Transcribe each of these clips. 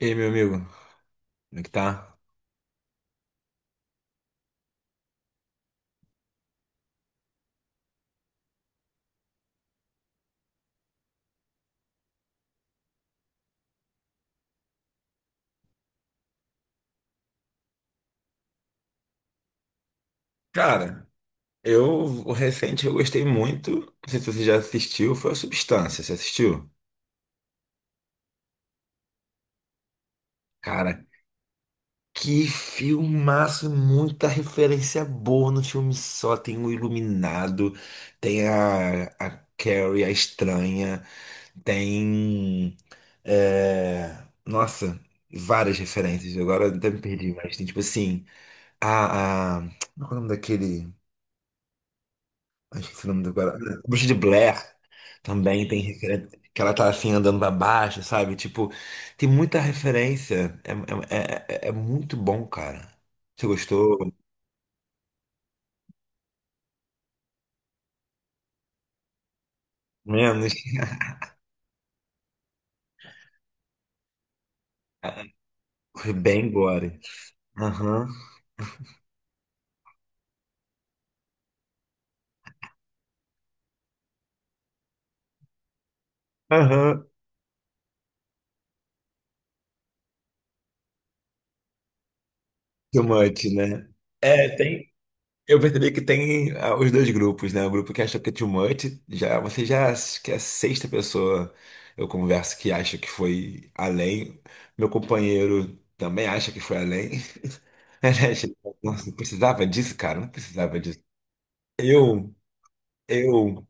E aí, meu amigo, como é que tá? Cara, eu, o recente eu gostei muito, não sei se você já assistiu, foi a Substância, você assistiu? Cara, que filmaço, muita referência boa no filme só, tem o Iluminado, tem a Carrie, a Estranha, tem, é, nossa, várias referências, agora até me perdi, mas tem tipo assim, a, a, como é o nome daquele... Ai, esse nome do cara, né, Bruxa de Blair também tem referência. Que ela tá assim andando pra baixo, sabe? Tipo, tem muita referência. É, é muito bom, cara. Você gostou? Menos. Foi bem gore. Aham. Aham. Too much, né? É, tem. Eu percebi que tem os dois grupos, né? O grupo que acha que é too much, já, você já acha que é a sexta pessoa eu converso que acha que foi além. Meu companheiro também acha que foi além. Ele acha. Nossa, não precisava disso, cara, não precisava disso. Eu, eu.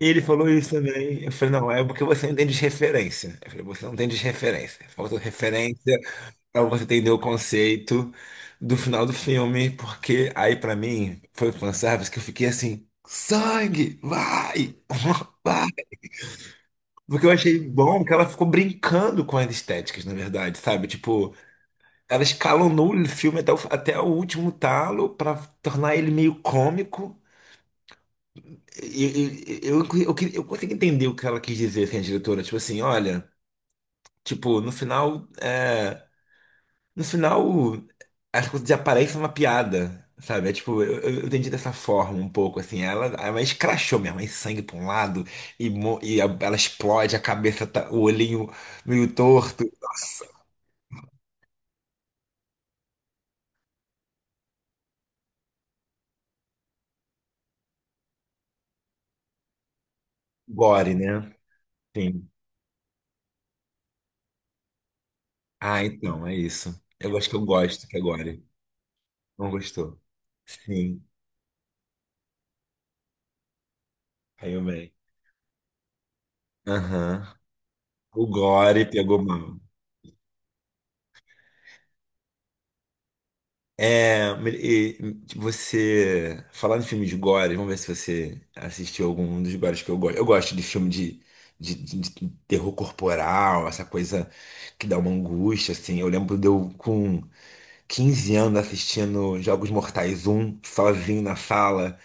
E ele falou isso também. Eu falei, não, é porque você não tem desreferência. Eu falei, você não tem desreferência. Falta referência pra você entender o conceito do final do filme, porque aí pra mim foi o fanservice que eu fiquei assim, sangue, vai, vai. Porque eu achei bom que ela ficou brincando com as estéticas, na verdade, sabe? Tipo, ela escalonou o filme até até o último talo pra tornar ele meio cômico. Eu consigo entender o que ela quis dizer, assim, a diretora. Tipo assim, olha, tipo, no final, as coisas desaparecem uma piada, sabe? É tipo, eu entendi dessa forma um pouco, assim. Ela escrachou mesmo, aí sangue pra um lado, e, ela explode, a cabeça tá, o olhinho meio torto. Nossa, gore, né? Sim. Ah, então, é isso. Eu acho que eu gosto que é gore. Não gostou? Sim, caiu bem. Aham. O gore pegou mal. É, e tipo, você falar em filme de gore, vamos ver se você assistiu algum dos gores que eu gosto. Eu gosto de filme de, de terror corporal, essa coisa que dá uma angústia, assim. Eu lembro de eu com 15 anos assistindo Jogos Mortais um sozinho na sala,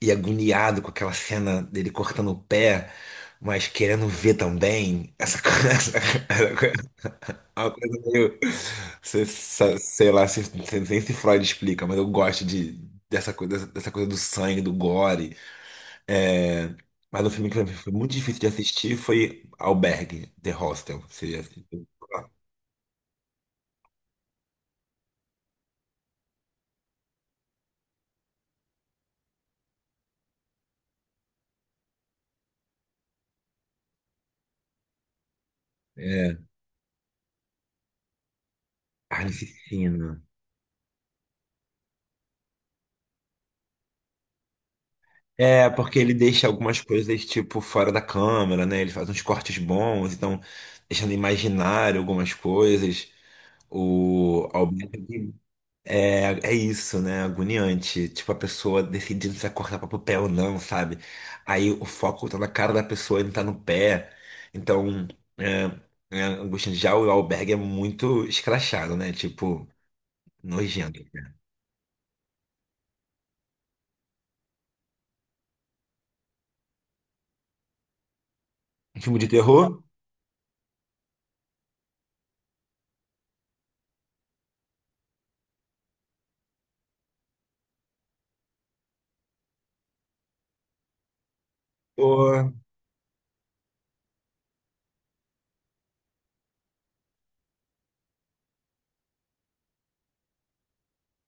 e agoniado com aquela cena dele cortando o pé, mas querendo ver também. Essa coisa, essa coisa meio. Sei lá nem se Freud explica, mas eu gosto de, dessa coisa do sangue, do gore. É, mas o filme que pra mim foi muito difícil de assistir foi Albergue, The Hostel. Você já assistiu? É, carnificina. É, porque ele deixa algumas coisas, tipo, fora da câmera, né? Ele faz uns cortes bons, então, deixando imaginário algumas coisas. O Albergue. É é isso, né? Agoniante. Tipo, a pessoa decidindo se vai cortar para o pé ou não, sabe? Aí o foco tá na cara da pessoa e não tá no pé. Então, é, é angustiante. Já o Albergue é muito escrachado, né? Tipo, nojento. Um filme de terror? Ou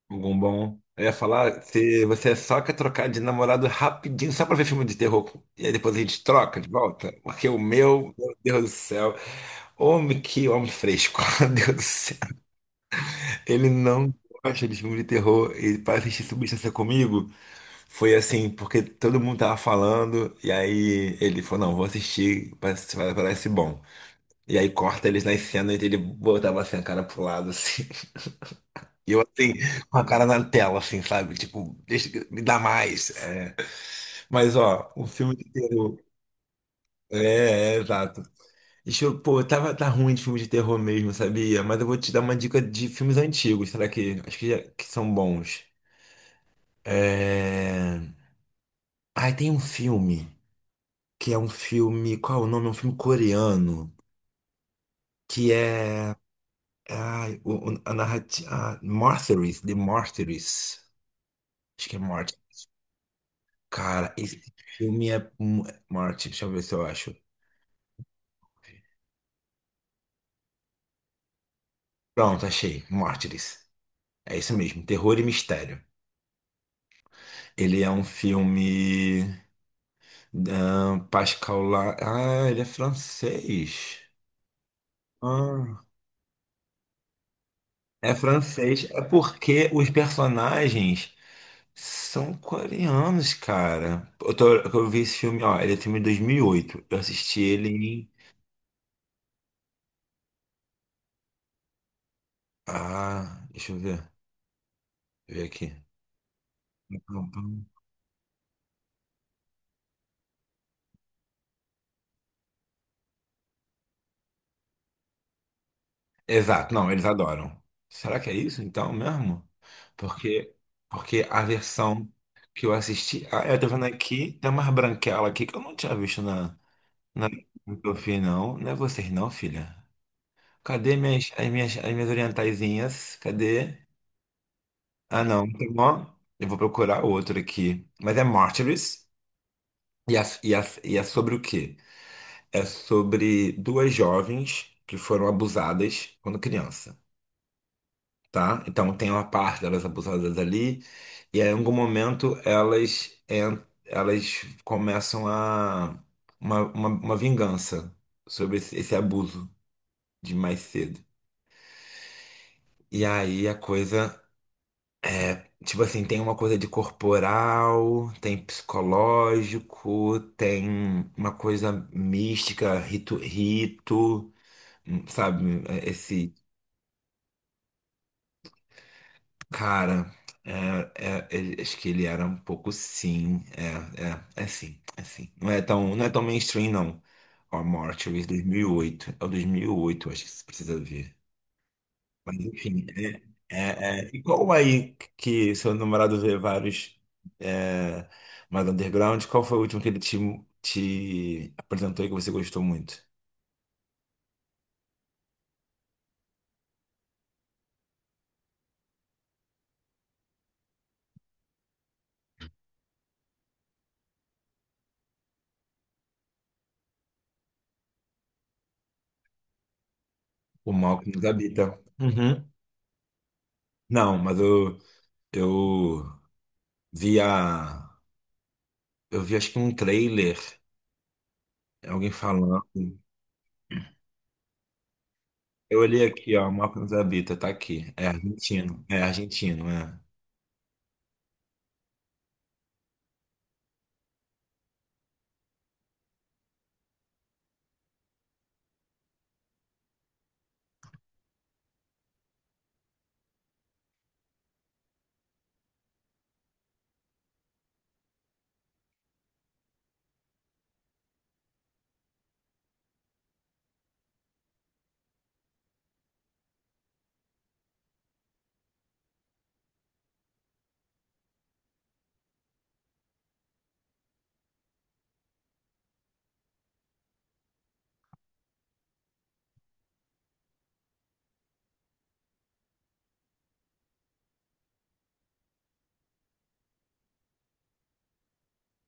algum bom? Eu ia falar, se você só quer trocar de namorado rapidinho, só pra ver filme de terror, e aí depois a gente troca de volta, porque o meu, meu Deus do céu, homem que homem fresco, meu Deus do céu. Ele não gosta de filme de terror. E para assistir Substância comigo, foi assim, porque todo mundo tava falando, e aí ele falou, não, vou assistir, parece, parece bom. E aí corta eles nas cenas e ele botava assim a cara pro lado, assim. E eu assim, com a cara na tela, assim, sabe? Tipo, deixa, me dá mais. É. Mas ó, o filme de terror. Exato. Pô, tá ruim de filme de terror mesmo, sabia? Mas eu vou te dar uma dica de filmes antigos, será que? Acho que, que são bons. É... Ai, tem um filme que é um filme. Qual é o nome? É um filme coreano que é. Ai, a narrativa. Ah, Martyrs, The Martyrs. Acho que é Martyrs. Cara, esse filme é. Martyrs, deixa eu ver se eu acho. Pronto, achei. Mártires. É isso mesmo, terror e mistério. Ele é um filme. Ah, Pascal La... Ah, ele é francês. Ah. É francês. É porque os personagens são coreanos, cara. Eu vi esse filme, ó, ele é filme de 2008. Eu assisti ele em. Ah, deixa eu ver. Deixa eu ver aqui. Pum, pum. Exato, não, eles adoram. Será que é isso então mesmo? Porque, porque a versão que eu assisti. Ah, eu tô vendo aqui, tem umas branquelas aqui que eu não tinha visto na, na no que eu fiz, não. Não é vocês, não, filha. Cadê as minhas orientaizinhas? Cadê? Ah, não, tem uma. Eu vou procurar outro aqui. Mas é Martyrs. E é, e é, e é sobre o quê? É sobre duas jovens que foram abusadas quando criança, tá? Então tem uma parte delas abusadas ali. E aí, em algum momento elas começam a uma vingança sobre esse abuso de mais cedo. E aí a coisa. Tipo assim, tem uma coisa de corporal, tem psicológico, tem uma coisa mística, rito, sabe? É, esse cara, é, acho que ele era um pouco sim, é sim, é sim. Não é tão, não é tão mainstream, não. Ó, Mortuary, 2008, é o 2008, acho que você precisa ver. Mas enfim, é. E qual aí que seu namorado vê vários é, mais underground? Qual foi o último que ele te apresentou e que você gostou muito? O Malcolm nos habita. Uhum. Não, mas eu vi a. Eu vi acho que um trailer, alguém falando. Eu olhei aqui, ó, o Malcolm nos habita, tá aqui. É argentino. É argentino, é.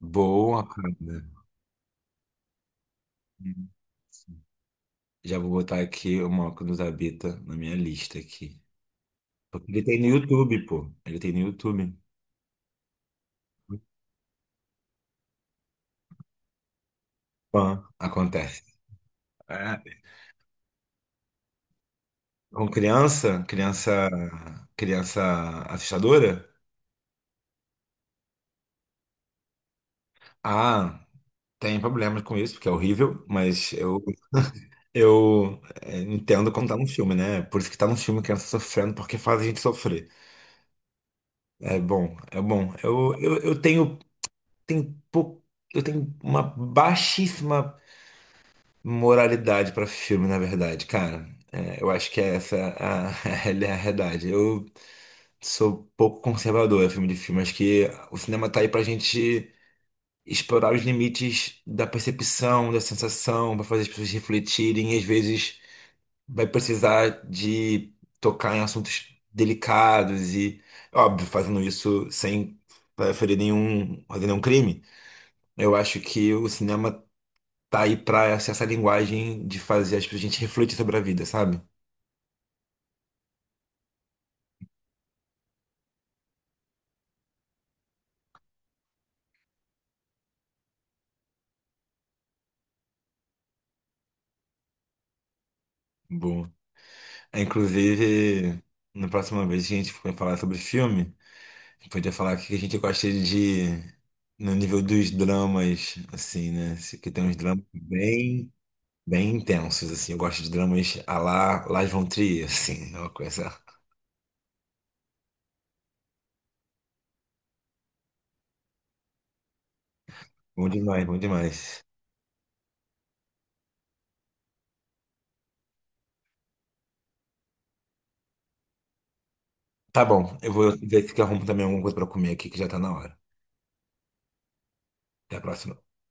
Boa, cara. Já vou botar aqui o Moco nos Habita na minha lista aqui. Porque ele tem no YouTube, pô. Ele tem no YouTube. Pã, acontece. É. Com criança assustadora? Ah, tem problemas com isso, porque é horrível, mas entendo como tá no filme, né? É por isso que tá no filme criança sofrendo, porque faz a gente sofrer. É bom, é bom. Tenho, pou- eu tenho uma baixíssima moralidade pra filme, na verdade, cara. É, eu acho que é essa a, a realidade. Eu sou pouco conservador em filme de filme. Acho que o cinema tá aí pra gente explorar os limites da percepção, da sensação, pra fazer as pessoas refletirem. E às vezes vai precisar de tocar em assuntos delicados e, óbvio, fazendo isso sem ferir nenhum, fazer nenhum crime. Eu acho que o cinema tá aí pra essa essa linguagem de fazer pessoas a gente refletir sobre a vida, sabe? Bom. É, inclusive, na próxima vez que a gente for falar sobre filme, a gente podia falar o que a gente gosta de. No nível dos dramas, assim, né? Que tem uns dramas bem, bem intensos, assim. Eu gosto de dramas à la Lars von Trier, assim. É uma coisa. Bom demais, bom demais. Tá bom, eu vou ver se eu arrumo também alguma coisa pra comer aqui, que já tá na hora. Até a próxima.